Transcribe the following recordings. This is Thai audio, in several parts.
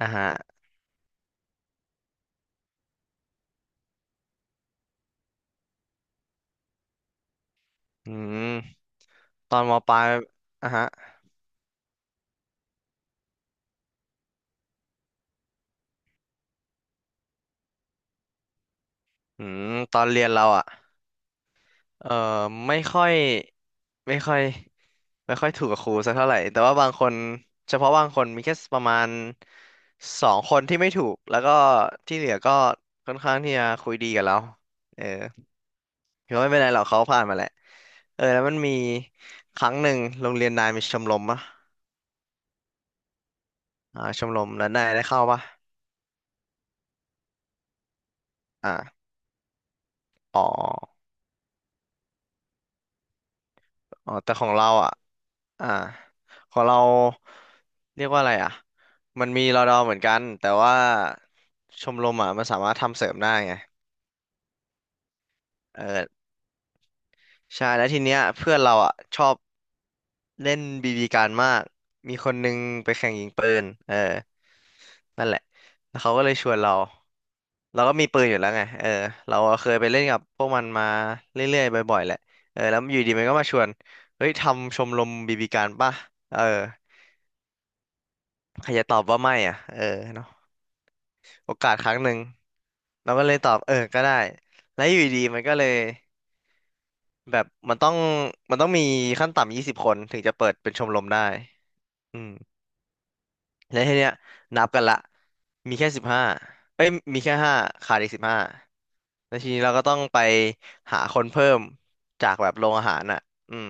อ่าฮะอืมตอนมปลายอ่าฮะอืมตอนเรียนเราอ่ะเอ่อไม่ค่อยไม่ค่อยไม่ค่อยถูกกับครูสักเท่าไหร่แต่ว่าบางคนเฉพาะบางคนมีแค่ประมาณสองคนที่ไม่ถูกแล้วก็ที่เหลือก็ค่อนข้างที่จะคุยดีกับเราเออถือว่าไม่เป็นไรหรอกเขาผ่านมาแหละเออแล้วมันมีครั้งหนึ่งโรงเรียนนายมีชมรมปะอ่าชมรมแล้วนายได้เข้าปะอ่าอ๋อ อ๋อแต่ของเราอ่ะอ่าของเราเรียกว่าอะไรอ่ะมันมีรอดอเหมือนกันแต่ว่าชมรมอ่ะมันสามารถทำเสริมได้ไงเออใช่แล้วทีเนี้ยเพื่อนเราอ่ะชอบเล่นบีบีการมากมีคนนึงไปแข่งยิงปืนเออนั่นแหละแล้วเขาก็เลยชวนเราเราก็มีปืนอยู่แล้วไงเออเราเคยไปเล่นกับพวกมันมาเรื่อยๆบ่อยๆแหละเออแล้วอยู่ดีมันก็มาชวนเฮ้ยทำชมรมบีบีการป่ะเออ ใครจะตอบว่าไม่อ่ะเออเนาะโอกาสครั้งหนึ่ง เราก็เลยตอบเออก็ได้ แล้วอยู่ดีๆมันก็เลยแบบมันต้องมีขั้นต่ำ20 คนถึงจะเปิดเป็นชมรมได้อืมแล้วทีเนี้ยนับกันละมีแค่สิบห้าเอ้ยมีแค่ห้าขาดอีกสิบห้าแล้วทีนี้เราก็ต้องไปหาคนเพิ่มจากแบบโรงอาหารอ่ะอืม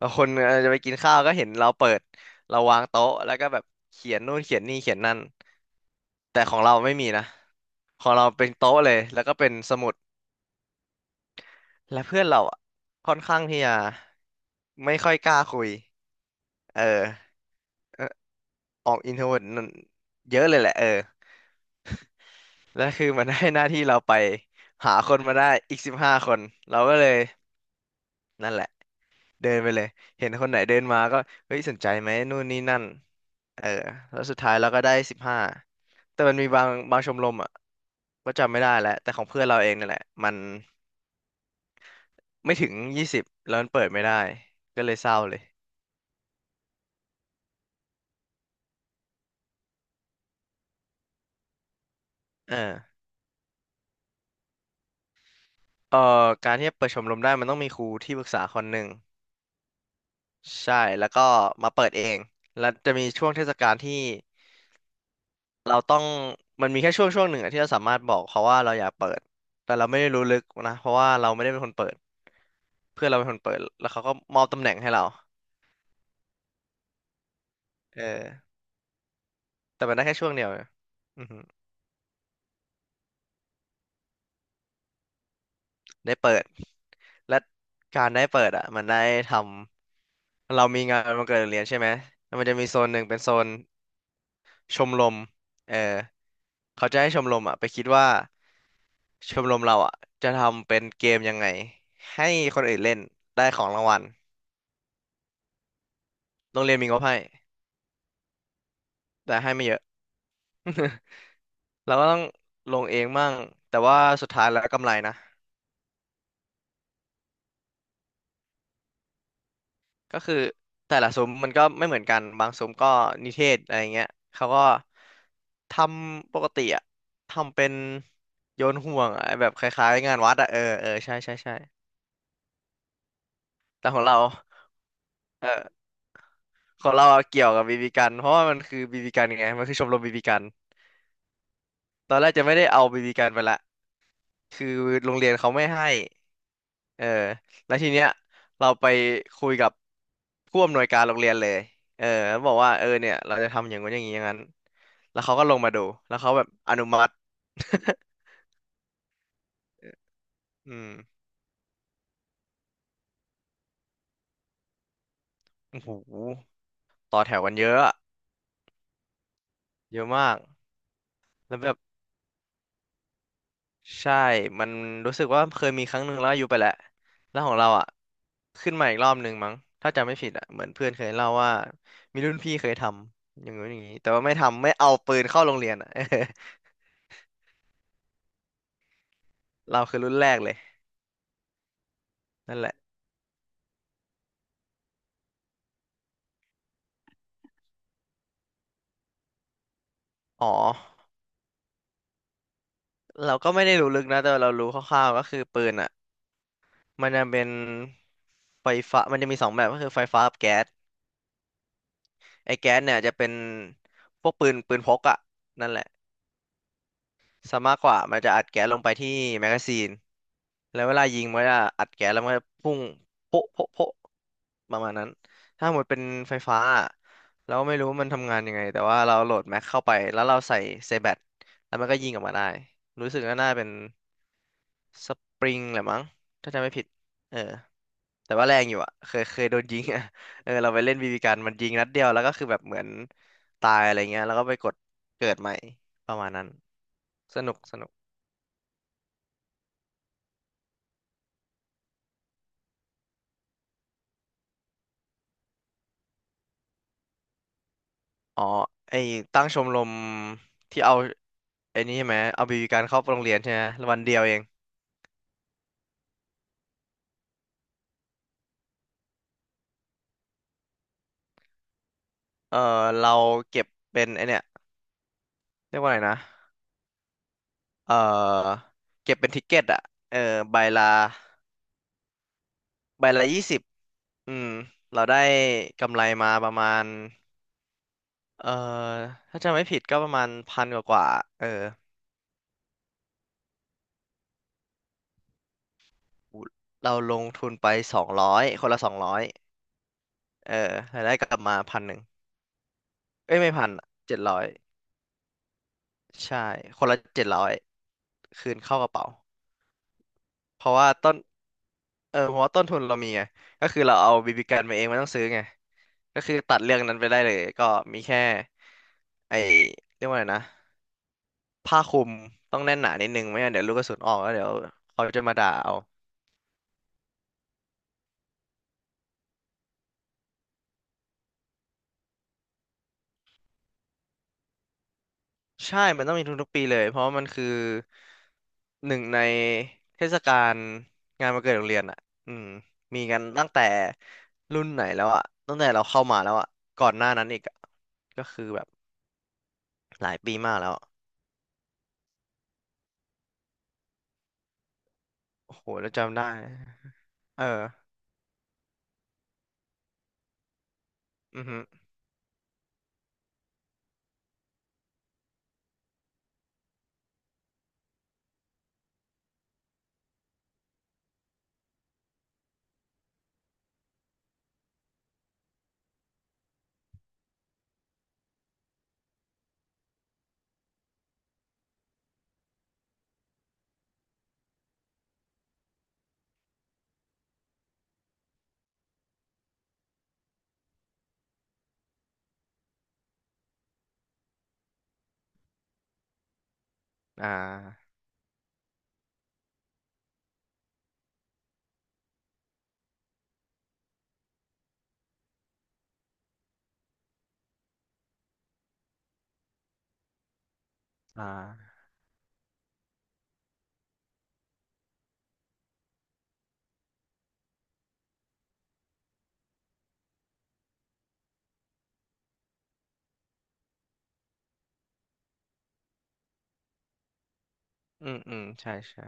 บางคนจะไปกินข้าวก็เห็นเราเปิดเราวางโต๊ะแล้วก็แบบเขียนนู่นเขียนนี่เขียนนั่นแต่ของเราไม่มีนะของเราเป็นโต๊ะเลยแล้วก็เป็นสมุดและเพื่อนเราอะค่อนข้างที่จะไม่ค่อยกล้าคุยเออเอ่อออกอินโทรเวิร์ตเยอะเลยแหละเออ แล้วคือมันให้หน้าที่เราไปหาคนมาได้อีก15 คนเราก็เลยนั่นแหละ เดินไปเลย เห็นคนไหนเดินมาก็เฮ้ยสนใจไหมนู่นนี่นั่นเออแล้วสุดท้ายเราก็ได้สิบห้าแต่มันมีบางชมรมอ่ะก็จำไม่ได้แล้วแต่ของเพื่อนเราเองนั่นแหละมันไม่ถึงยี่สิบแล้วมันเปิดไม่ได้ก็เลยเศร้าเลยเออเออการที่จะเปิดชมรมได้มันต้องมีครูที่ปรึกษาคนหนึ่งใช่แล้วก็มาเปิดเองแล้วจะมีช่วงเทศกาลที่เราต้องมันมีแค่ช่วงหนึ่งอะที่เราสามารถบอกเขาว่าเราอยากเปิดแต่เราไม่ได้รู้ลึกนะเพราะว่าเราไม่ได้เป็นคนเปิด เพื่อนเราเป็นคนเปิดแล้วเขาก็มอบตำแหน่งให้เราเออแต่มันได้แค่ช่วงเดียวเลยอือหือได้เปิดและการได้เปิดอ่ะมันได้ทำเรามีงานวันเกิดโรงเรียนใช่ไหมแล้วมันจะมีโซนหนึ่งเป็นโซนชมรมเออเขาจะให้ชมรมอ่ะไปคิดว่าชมรมเราอ่ะจะทำเป็นเกมยังไงให้คนอื่นเล่นได้ของรางวัลโรงเรียนมีงบให้แต่ให้ไม่เยอะ เราก็ต้องลงเองมั่งแต่ว่าสุดท้ายแล้วกำไรนะ ก็คือแต่ละซุ้มมันก็ไม่เหมือนกันบางซุ้มก็นิเทศอะไรเงี้ยเขาก็ทำปกติอะทำเป็นโยนห่วงอะแบบคล้ายๆงานวัดอะเออเออใช่ใช่ใช่แต่ของเราเออของเราอะเกี่ยวกับบีบีกันเพราะว่ามันคือบีบีกันไงมันคือชมรมบีบีกันตอนแรกจะไม่ได้เอาบีบีกันไปละ คือโรงเรียนเขาไม่ให้เออแล้วทีเนี้ยเราไปคุยกับผู้อำนวยการโรงเรียนเลยเออแล้วบอกว่าเออเนี่ยเราจะทำอย่างนู้นอย่างนี้อย่างนั้น แล้วเขาก็ลงมาดูแล้วเขาแบบอนุมัติ อืมโอ้โหต่อแถวกันเยอะอะ เยอะมากแล้วแบบ ใช่ มันรู้สึกว่าเคยมีครั้งหนึ่งแล้วอายุไปแล้วแล้วของเราอ่ะ ขึ้นมาอีกรอบหนึ่งมั้ง ถ้าจำไม่ผิดอ่ะเหมือนเพื่อนเคยเล่าว่ามีรุ่นพี่เคยทำ อย่างนู้นอย่างนี้ แต่ว่าไม่ทำไม่เอาปืนเข้าโรงเรียนอ่ะ เราคือรุ่นแรกเลย นั่นแหละ อ๋อ เราก็ไม่ได้รู้ลึกนะ แต่เรารู้คร่าวๆก็คือปืนอ่ะมันจะเป็นไฟฟ้ามันจะมีสองแบบก็คือไฟฟ้ากับแก๊สไอ้แก๊สเนี่ยจะเป็นพวกปืนพกอ่ะนั่นแหละซะมากกว่ามันจะอัดแก๊สลงไปที่แมกกาซีน แล้วเวลายิงมันจะอัดแก๊สแล้วมันจะพุ่งโป๊ะโป๊ะโป๊ะประมาณนั้นถ้าหมดเป็นไฟฟ้าอะเราไม่รู้ว่ามันทำงานยังไงแต่ว่าเราโหลดแม็กเข้าไปแล้วเราใส่เซแบตแล้วมันก็ยิงออกมาได้รู้สึกว่าน่าเป็นสปริงแหละมั้งถ้าจำไม่ผิดเออแต่ว่าแรงอยู่อ่ะเคยโดนยิงอ่ะ เออเราไปเล่นบีบีกันมันยิงนัดเดียวแล้วก็คือแบบเหมือนตายอะไรเงี้ยแล้วก็ไปกดเกิดใหม่ประมาณนั้นสนุกสนุกอ๋อไอตั้งชมรมที่เอา ไอ้นี่ใช่ไหมเอาบีบีการเข้าโรงเรียนใช่ไหมวันเดียวเองเออเราเก็บเป็นไอเนี่ยเรียกว่าไงนะเออเก็บเป็นทิกเก็ตอะเออใบละใบละ 20อืมเราได้กำไรมาประมาณเออถ้าจำไม่ผิดก็ประมาณพันกว่ากว่าเออเราลงทุนไป200 คนละ 200เออรายได้กลับมา1,100เอ้ยไม่พัน700 ใช่คนละ 700คืนเข้ากระเป๋า เพราะว่าต้น เออเพราะว่าต้นทุนเรามีไง ก็คือเราเอาบีบีกันมาเองไม่ต้องซื้อไง ก็คือตัดเรื่องนั้นไปได้เลยก็มีแค่ไอเรียกว่าอะไรนะผ้าคลุมต้องแน่นหนานิดนึงไม่งั้นเดี๋ยวลูกกระสุนออกแล้วเดี๋ยวเขาจะมาด่าเอาใช่ มันต้องมีทุกๆปีเลยเพราะว่ามันคือหนึ่งในเทศกาลงานวันเกิดโรงเรียนอ่ะอืมมีกันตั้งแต่รุ่นไหนแล้วอ่ะตั้งแต่เราเข้ามาแล้วอ่ะก่อนหน้านั้นอีกอะก็คือแบบหลายปีมากแล้ว โอ้โหแล้วจำได้ เออ อือฮึอ่าอ่าอืม อืม ใช่ใช่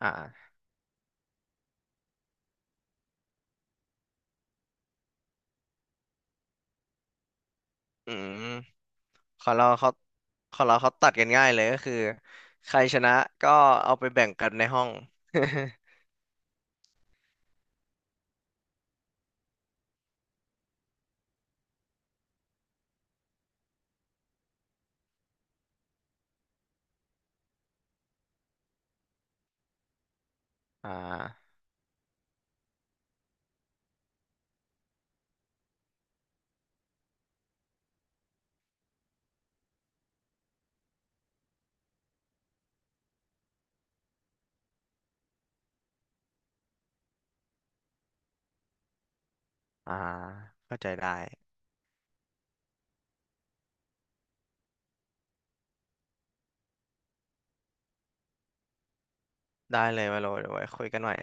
อ่าอืม ของเราเขา ของเราเขาตัดกันง่ายเลยก็คือ ใครชนะก็เอาไปแบ่งกันในห้อง อ่า อ่าเข้าใจได้ ได้เลยมาโลเดี๋ยวไว้คุยกันหน่อย